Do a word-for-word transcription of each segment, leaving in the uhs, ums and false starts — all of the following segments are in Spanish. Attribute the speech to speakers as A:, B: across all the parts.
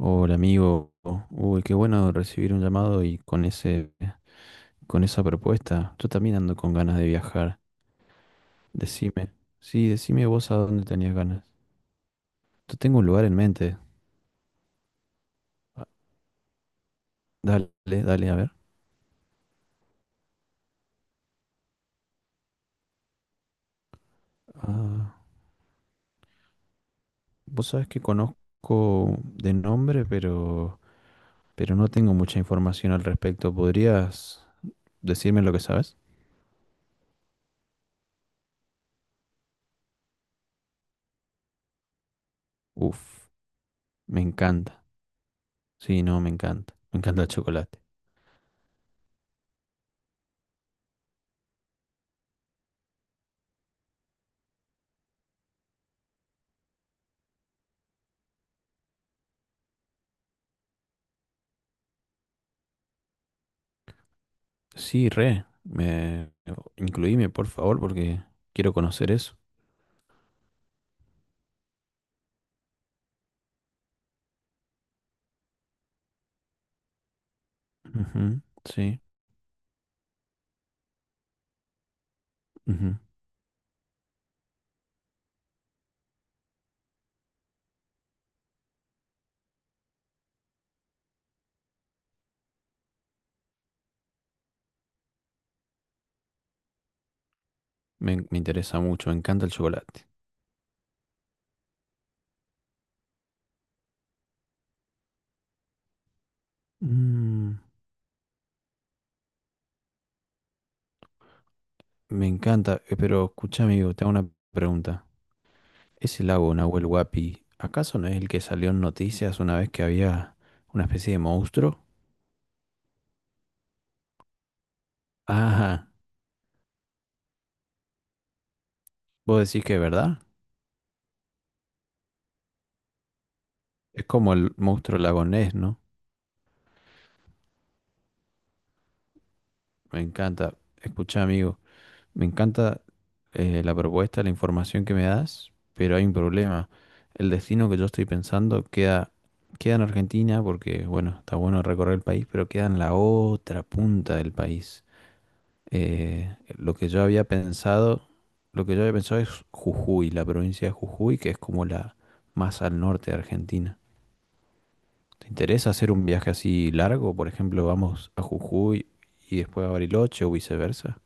A: Hola amigo, uy, qué bueno recibir un llamado y con ese, con esa propuesta. Yo también ando con ganas de viajar. Decime, sí, decime vos a dónde tenías ganas. Yo tengo un lugar en mente. Dale, dale, a ver. Ah, vos sabés que conozco de nombre, pero, pero no tengo mucha información al respecto. ¿Podrías decirme lo que sabes? Uf, me encanta. Sí, no, me encanta. Me encanta el chocolate. Sí, re. Me... incluíme, por favor, porque quiero conocer eso. Ujú, sí, ujú. Me, me interesa mucho, me encanta el chocolate. Mm, me encanta, eh, pero escucha, amigo, te hago una pregunta. ¿Ese lago Nahuel Huapi, acaso no es el que salió en noticias una vez que había una especie de monstruo? Ajá, vos decís que es verdad. Es como el monstruo lagonés, ¿no? Me encanta. Escucha, amigo, me encanta eh, la propuesta, la información que me das, pero hay un problema. El destino que yo estoy pensando queda, queda en Argentina porque, bueno, está bueno recorrer el país, pero queda en la otra punta del país. Eh, lo que yo había pensado, lo que yo había pensado es Jujuy, la provincia de Jujuy, que es como la más al norte de Argentina. ¿Te interesa hacer un viaje así largo? Por ejemplo, vamos a Jujuy y después a Bariloche o viceversa.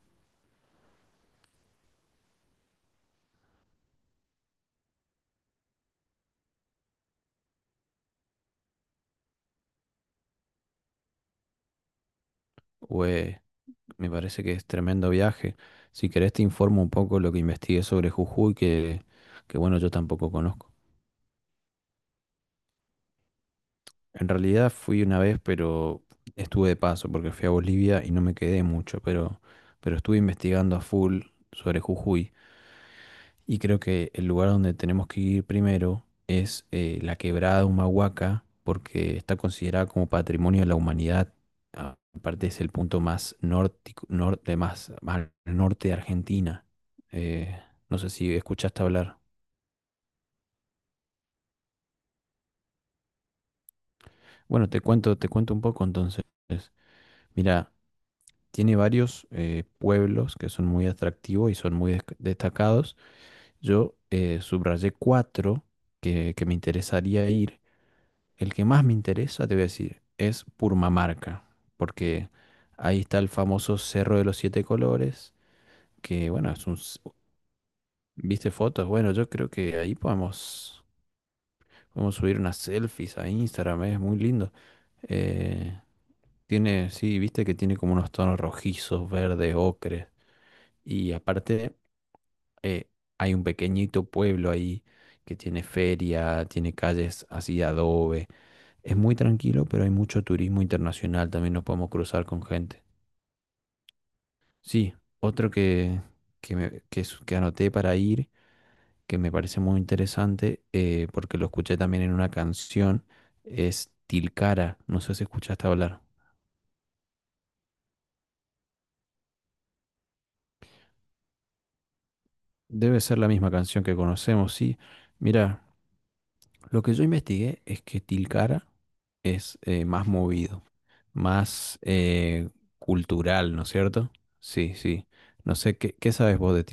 A: ¿O es Me parece que es tremendo viaje. Si querés te informo un poco lo que investigué sobre Jujuy, que, que bueno, yo tampoco conozco. En realidad fui una vez, pero estuve de paso porque fui a Bolivia y no me quedé mucho, pero, pero estuve investigando a full sobre Jujuy. Y creo que el lugar donde tenemos que ir primero es eh, la quebrada Humahuaca, porque está considerada como patrimonio de la humanidad. Ah, aparte es el punto más nórtico- norte, más, más al norte de Argentina. Eh, no sé si escuchaste hablar. Bueno, te cuento, te cuento un poco entonces. Mira, tiene varios eh, pueblos que son muy atractivos y son muy destac- destacados. Yo eh, subrayé cuatro que, que me interesaría ir. El que más me interesa, te voy a decir, es Purmamarca, porque ahí está el famoso Cerro de los Siete Colores, que bueno, es un... s- ¿viste fotos? Bueno, yo creo que ahí podemos, podemos subir unas selfies a Instagram, es muy lindo. Eh, tiene, sí, viste que tiene como unos tonos rojizos, verdes, ocres. Y aparte, eh, hay un pequeñito pueblo ahí que tiene feria, tiene calles así de adobe. Es muy tranquilo, pero hay mucho turismo internacional, también nos podemos cruzar con gente. Sí, otro que, que, me- que es- que anoté para ir, que me parece muy interesante, eh, porque lo escuché también en una canción, es Tilcara, no sé si escuchaste hablar. Debe ser la misma canción que conocemos, sí. Mira, lo que yo investigué es que Tilcara es eh, más movido, más eh, cultural, ¿no es cierto? Sí, sí. No sé, ¿qué, ¿qué sabes vos de...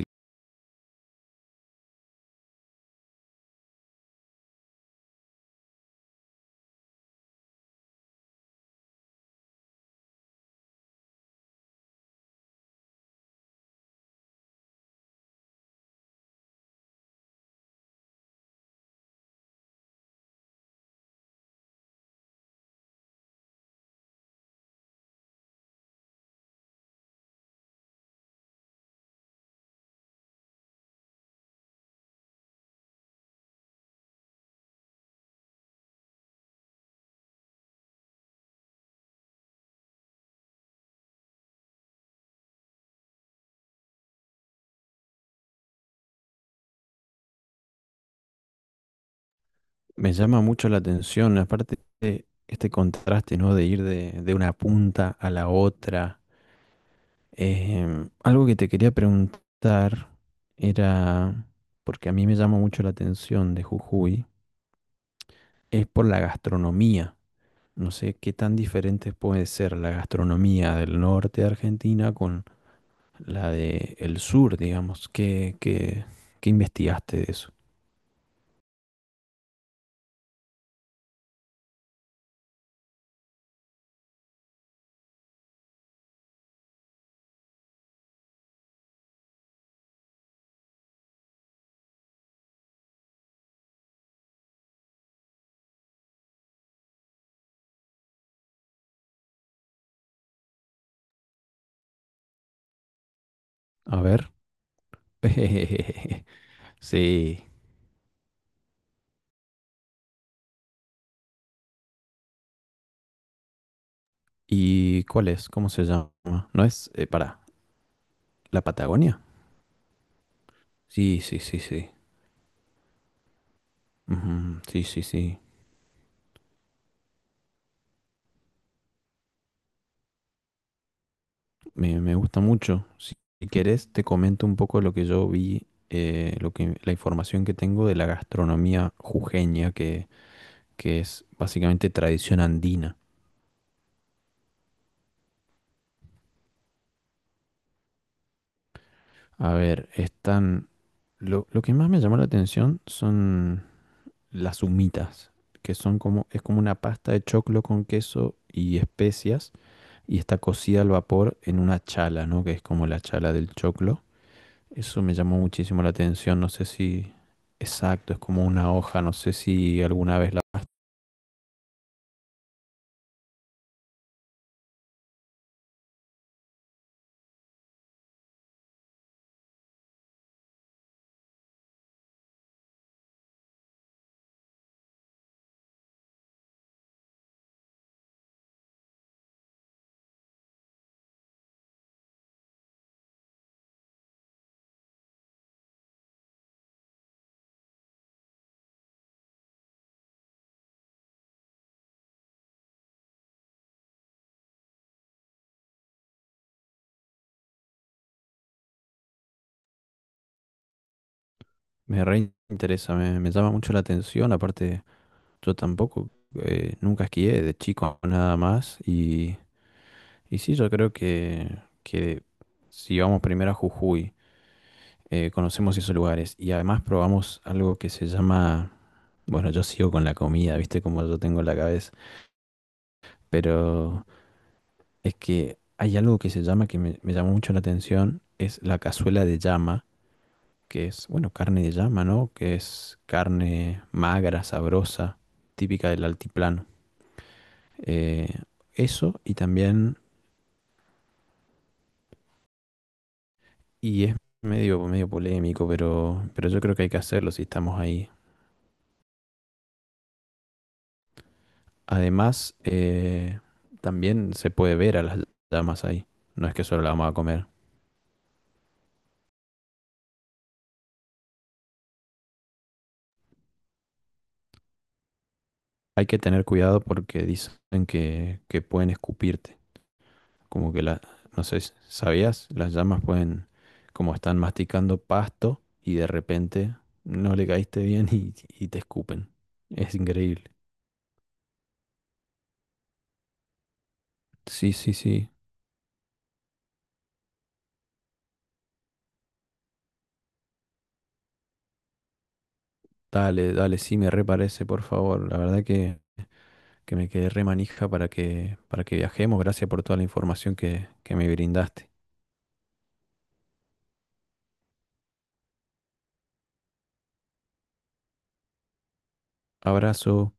A: Me llama mucho la atención, aparte de este contraste, ¿no? De ir de, de una punta a la otra. Em, algo que te quería preguntar era, porque a mí me llama mucho la atención de Jujuy, es por la gastronomía. No sé qué tan diferente puede ser la gastronomía del norte de Argentina con la de el sur, digamos. ¿Qué, qué, qué investigaste de eso? A ver. Sí, ¿y cuál es? ¿Cómo se llama? ¿No es eh, para la Patagonia? Sí, sí, sí, sí. Ujú, sí, sí, sí. Me, me gusta mucho. Si quieres te comento un poco lo que yo vi, eh, lo que, la información que tengo de la gastronomía jujeña, que, que es básicamente tradición andina. A ver, están. Lo, lo que más me llamó la atención son las humitas, que son como, es como una pasta de choclo con queso y especias y está cocida al vapor en una chala, ¿no? Que es como la chala del choclo. Eso me llamó muchísimo la atención, no sé si... exacto, es como una hoja, no sé si alguna vez la... Me reinteresa, me, me llama mucho la atención, aparte yo tampoco, eh, nunca esquié de chico nada más y, y sí, yo creo que, que si vamos primero a Jujuy, eh, conocemos esos lugares y además probamos algo que se llama, bueno, yo sigo con la comida, viste como yo tengo en la cabeza, pero... es que hay algo que se llama, que me, me llamó mucho la atención, es la cazuela de llama, que es, bueno, carne de llama, ¿no? Que es carne magra, sabrosa, típica del altiplano. Eh, eso y también, y es medio, medio polémico, pero, pero yo creo que hay que hacerlo si estamos ahí. Además, eh, también se puede ver a las llamas ahí, no es que solo la vamos a comer. Hay que tener cuidado porque dicen que, que pueden escupirte. Como que la, no sé, si- ¿sabías? Las llamas pueden, como están masticando pasto y de repente no le caíste bien y, y te escupen. Es increíble. Sí, sí, sí. Dale, dale, sí, me reparece, por favor. La verdad que, que me quedé re manija para que, para que viajemos. Gracias por toda la información que, que me brindaste. Abrazo.